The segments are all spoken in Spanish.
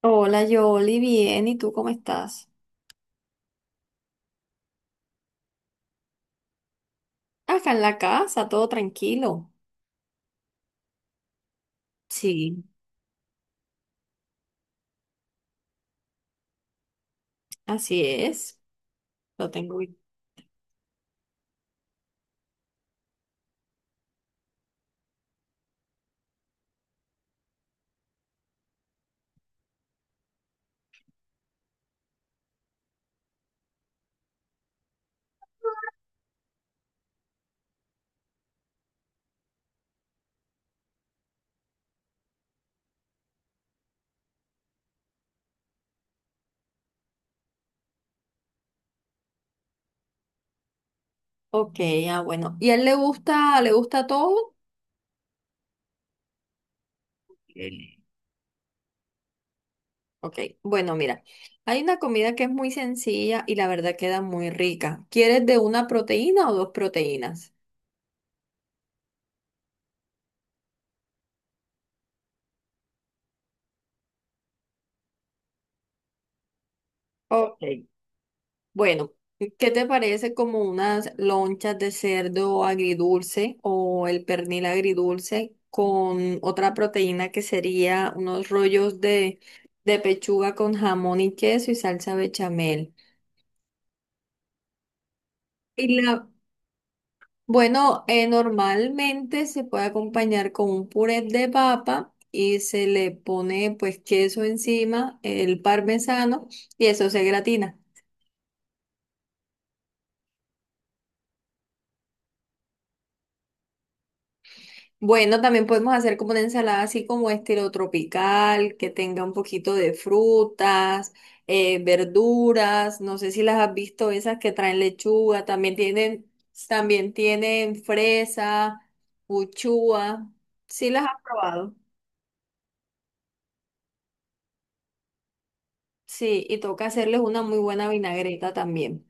Hola, Yoli, bien, ¿y tú cómo estás? Acá en la casa, todo tranquilo. Sí. Así es, lo tengo bien. Ok, bueno. ¿Y a él le gusta todo? Eh, Ok, bueno, mira, hay una comida que es muy sencilla y la verdad queda muy rica. ¿Quieres de una proteína o dos proteínas? Ok. Bueno, ¿qué te parece como unas lonchas de cerdo agridulce o el pernil agridulce con otra proteína que sería unos rollos de pechuga con jamón y queso y salsa bechamel? Y la, bueno, normalmente se puede acompañar con un puré de papa y se le pone pues queso encima, el parmesano y eso se gratina. Bueno, también podemos hacer como una ensalada así como estilo tropical, que tenga un poquito de frutas, verduras, no sé si las has visto, esas que traen lechuga, también tienen fresa, uchúa, sí las has probado, sí, y toca hacerles una muy buena vinagreta también.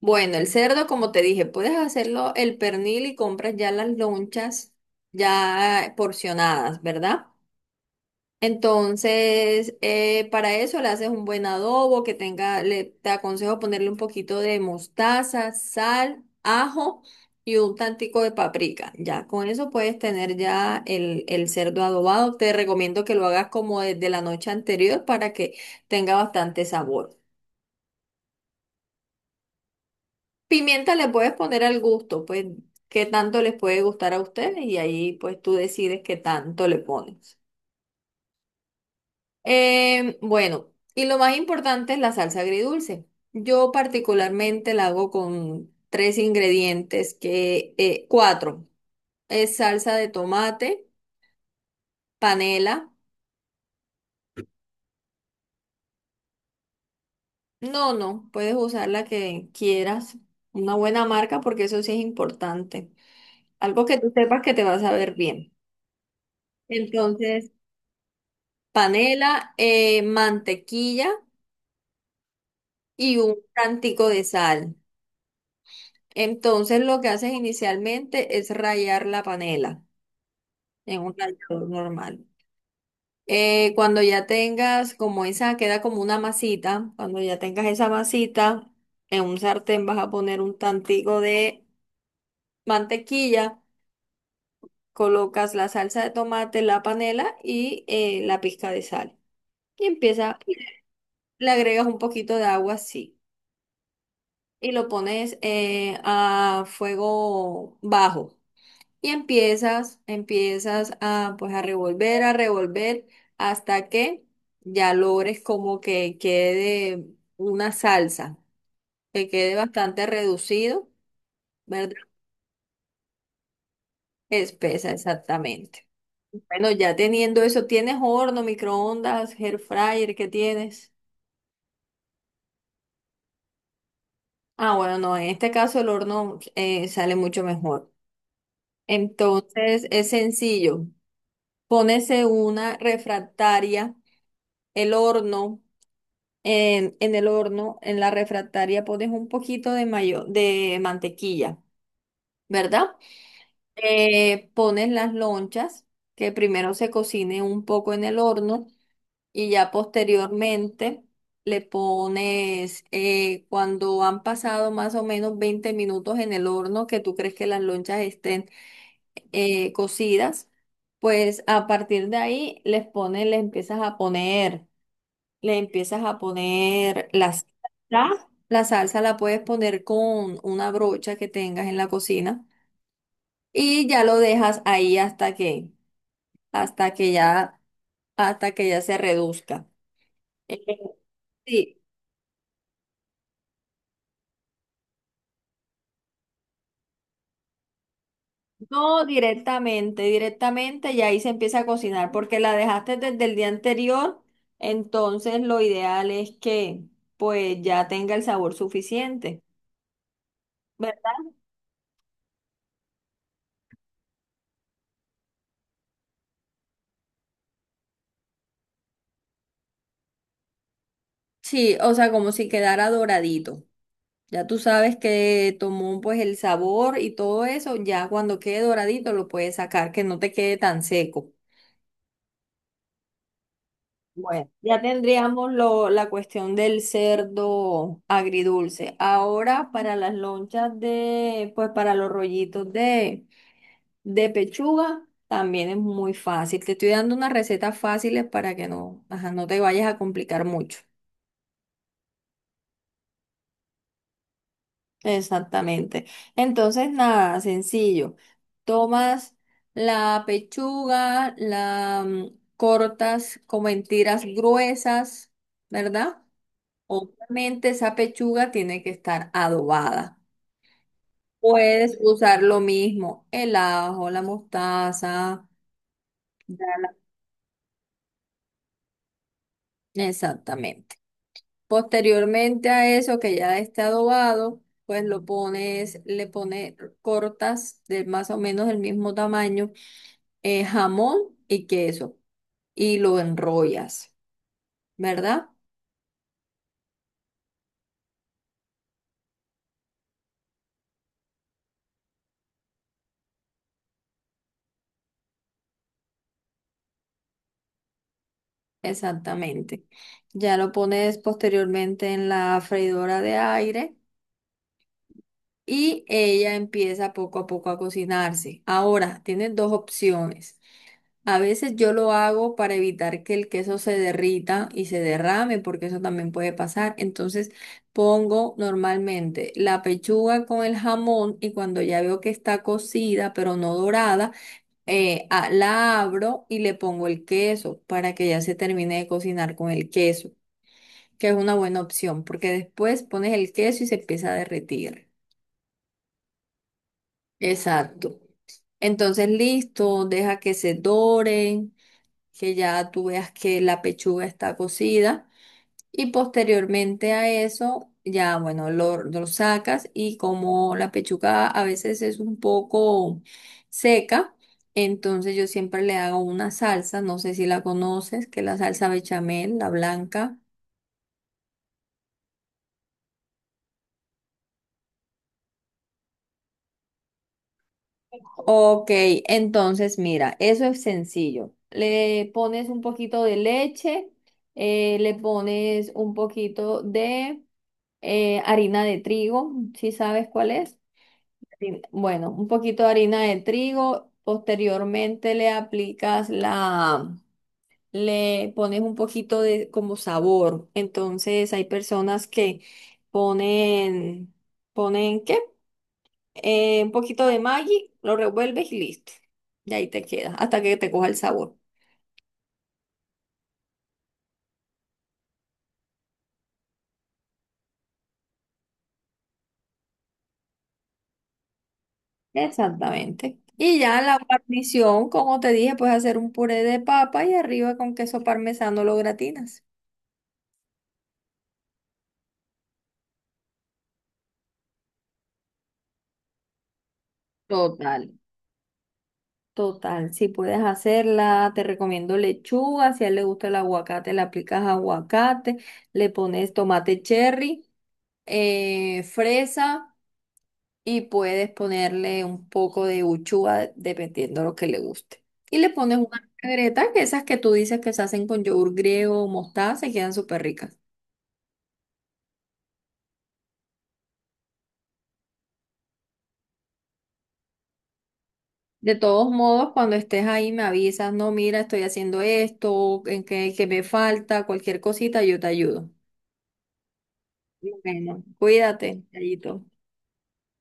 Bueno, el cerdo, como te dije, puedes hacerlo el pernil y compras ya las lonchas ya porcionadas, ¿verdad? Entonces, para eso le haces un buen adobo que tenga, le, te aconsejo ponerle un poquito de mostaza, sal, ajo y un tantico de paprika. Ya con eso puedes tener ya el cerdo adobado. Te recomiendo que lo hagas como desde la noche anterior para que tenga bastante sabor. Pimienta le puedes poner al gusto, pues qué tanto les puede gustar a ustedes y ahí pues tú decides qué tanto le pones. Bueno, y lo más importante es la salsa agridulce. Yo particularmente la hago con tres ingredientes que, cuatro. Es salsa de tomate, panela. No, no, puedes usar la que quieras. Una buena marca porque eso sí es importante. Algo que tú sepas que te va a saber bien. Entonces, panela, mantequilla y un tantico de sal. Entonces, lo que haces inicialmente es rallar la panela en un tallador normal. Cuando ya tengas como esa, queda como una masita, cuando ya tengas esa masita, en un sartén vas a poner un tantico de mantequilla, colocas la salsa de tomate, la panela y la pizca de sal. Y empieza, le agregas un poquito de agua así. Y lo pones a fuego bajo. Y empiezas a pues a a revolver hasta que ya logres como que quede una salsa, que quede bastante reducido, ¿verdad? Espesa exactamente. Bueno, ya teniendo eso, ¿tienes horno, microondas, air fryer? ¿Qué tienes? Ah, bueno, no, en este caso el horno sale mucho mejor. Entonces es sencillo. Pónese una refractaria, el horno. En el horno, en la refractaria, pones un poquito de mayo, de mantequilla, ¿verdad? Pones las lonchas, que primero se cocine un poco en el horno y ya posteriormente le pones, cuando han pasado más o menos 20 minutos en el horno, que tú crees que las lonchas estén cocidas, pues a partir de ahí les pones, le empiezas a poner. Le empiezas a poner la salsa. La salsa la puedes poner con una brocha que tengas en la cocina y ya lo dejas ahí hasta que ya, hasta que ya se reduzca. Eh, Sí, no directamente, directamente y ahí se empieza a cocinar porque la dejaste desde el día anterior, entonces lo ideal es que pues ya tenga el sabor suficiente, ¿verdad? Sí, o sea, como si quedara doradito. Ya tú sabes que tomó pues el sabor y todo eso, ya cuando quede doradito lo puedes sacar, que no te quede tan seco. Bueno, ya tendríamos la cuestión del cerdo agridulce. Ahora para las lonchas de, pues para los rollitos de pechuga, también es muy fácil. Te estoy dando unas recetas fáciles para que no, ajá, no te vayas a complicar mucho. Exactamente. Entonces, nada, sencillo. Tomas la pechuga, cortas como en tiras gruesas, ¿verdad? Obviamente esa pechuga tiene que estar adobada. Puedes usar lo mismo, el ajo, la mostaza. ya la- Exactamente. Posteriormente a eso que ya esté adobado, pues lo pones, le pones, cortas de más o menos el mismo tamaño jamón y queso y lo enrollas, ¿verdad? Exactamente. Ya lo pones posteriormente en la freidora de aire y ella empieza poco a poco a cocinarse. Ahora, tienes dos opciones. A veces yo lo hago para evitar que el queso se derrita y se derrame, porque eso también puede pasar. Entonces pongo normalmente la pechuga con el jamón y cuando ya veo que está cocida, pero no dorada, la abro y le pongo el queso para que ya se termine de cocinar con el queso, que es una buena opción porque después pones el queso y se empieza a derretir. Exacto. Entonces, listo, deja que se doren, que ya tú veas que la pechuga está cocida. Y posteriormente a eso, ya bueno, lo sacas y como la pechuga a veces es un poco seca, entonces yo siempre le hago una salsa, no sé si la conoces, que es la salsa bechamel, la blanca. Ok, entonces mira, eso es sencillo. Le pones un poquito de leche, le pones un poquito de harina de trigo, ¿si sabes cuál es? Bueno, un poquito de harina de trigo. Posteriormente le aplicas le pones un poquito de como sabor. Entonces hay personas que ponen, ponen ¿qué? Un poquito de Maggi, lo revuelves y listo. Y ahí te queda, hasta que te coja el sabor. Exactamente. Y ya la guarnición, como te dije, puedes hacer un puré de papa y arriba con queso parmesano lo gratinas. Total. Total, si puedes hacerla, te recomiendo lechuga, si a él le gusta el aguacate, le aplicas aguacate, le pones tomate cherry, fresa y puedes ponerle un poco de uchuva dependiendo lo que le guste. Y le pones una vinagreta, que esas que tú dices que se hacen con yogur griego o mostaza, se quedan súper ricas. De todos modos, cuando estés ahí me avisas, no, mira, estoy haciendo esto, en qué, qué me falta, cualquier cosita, yo te ayudo. Bueno, cuídate, Yayito.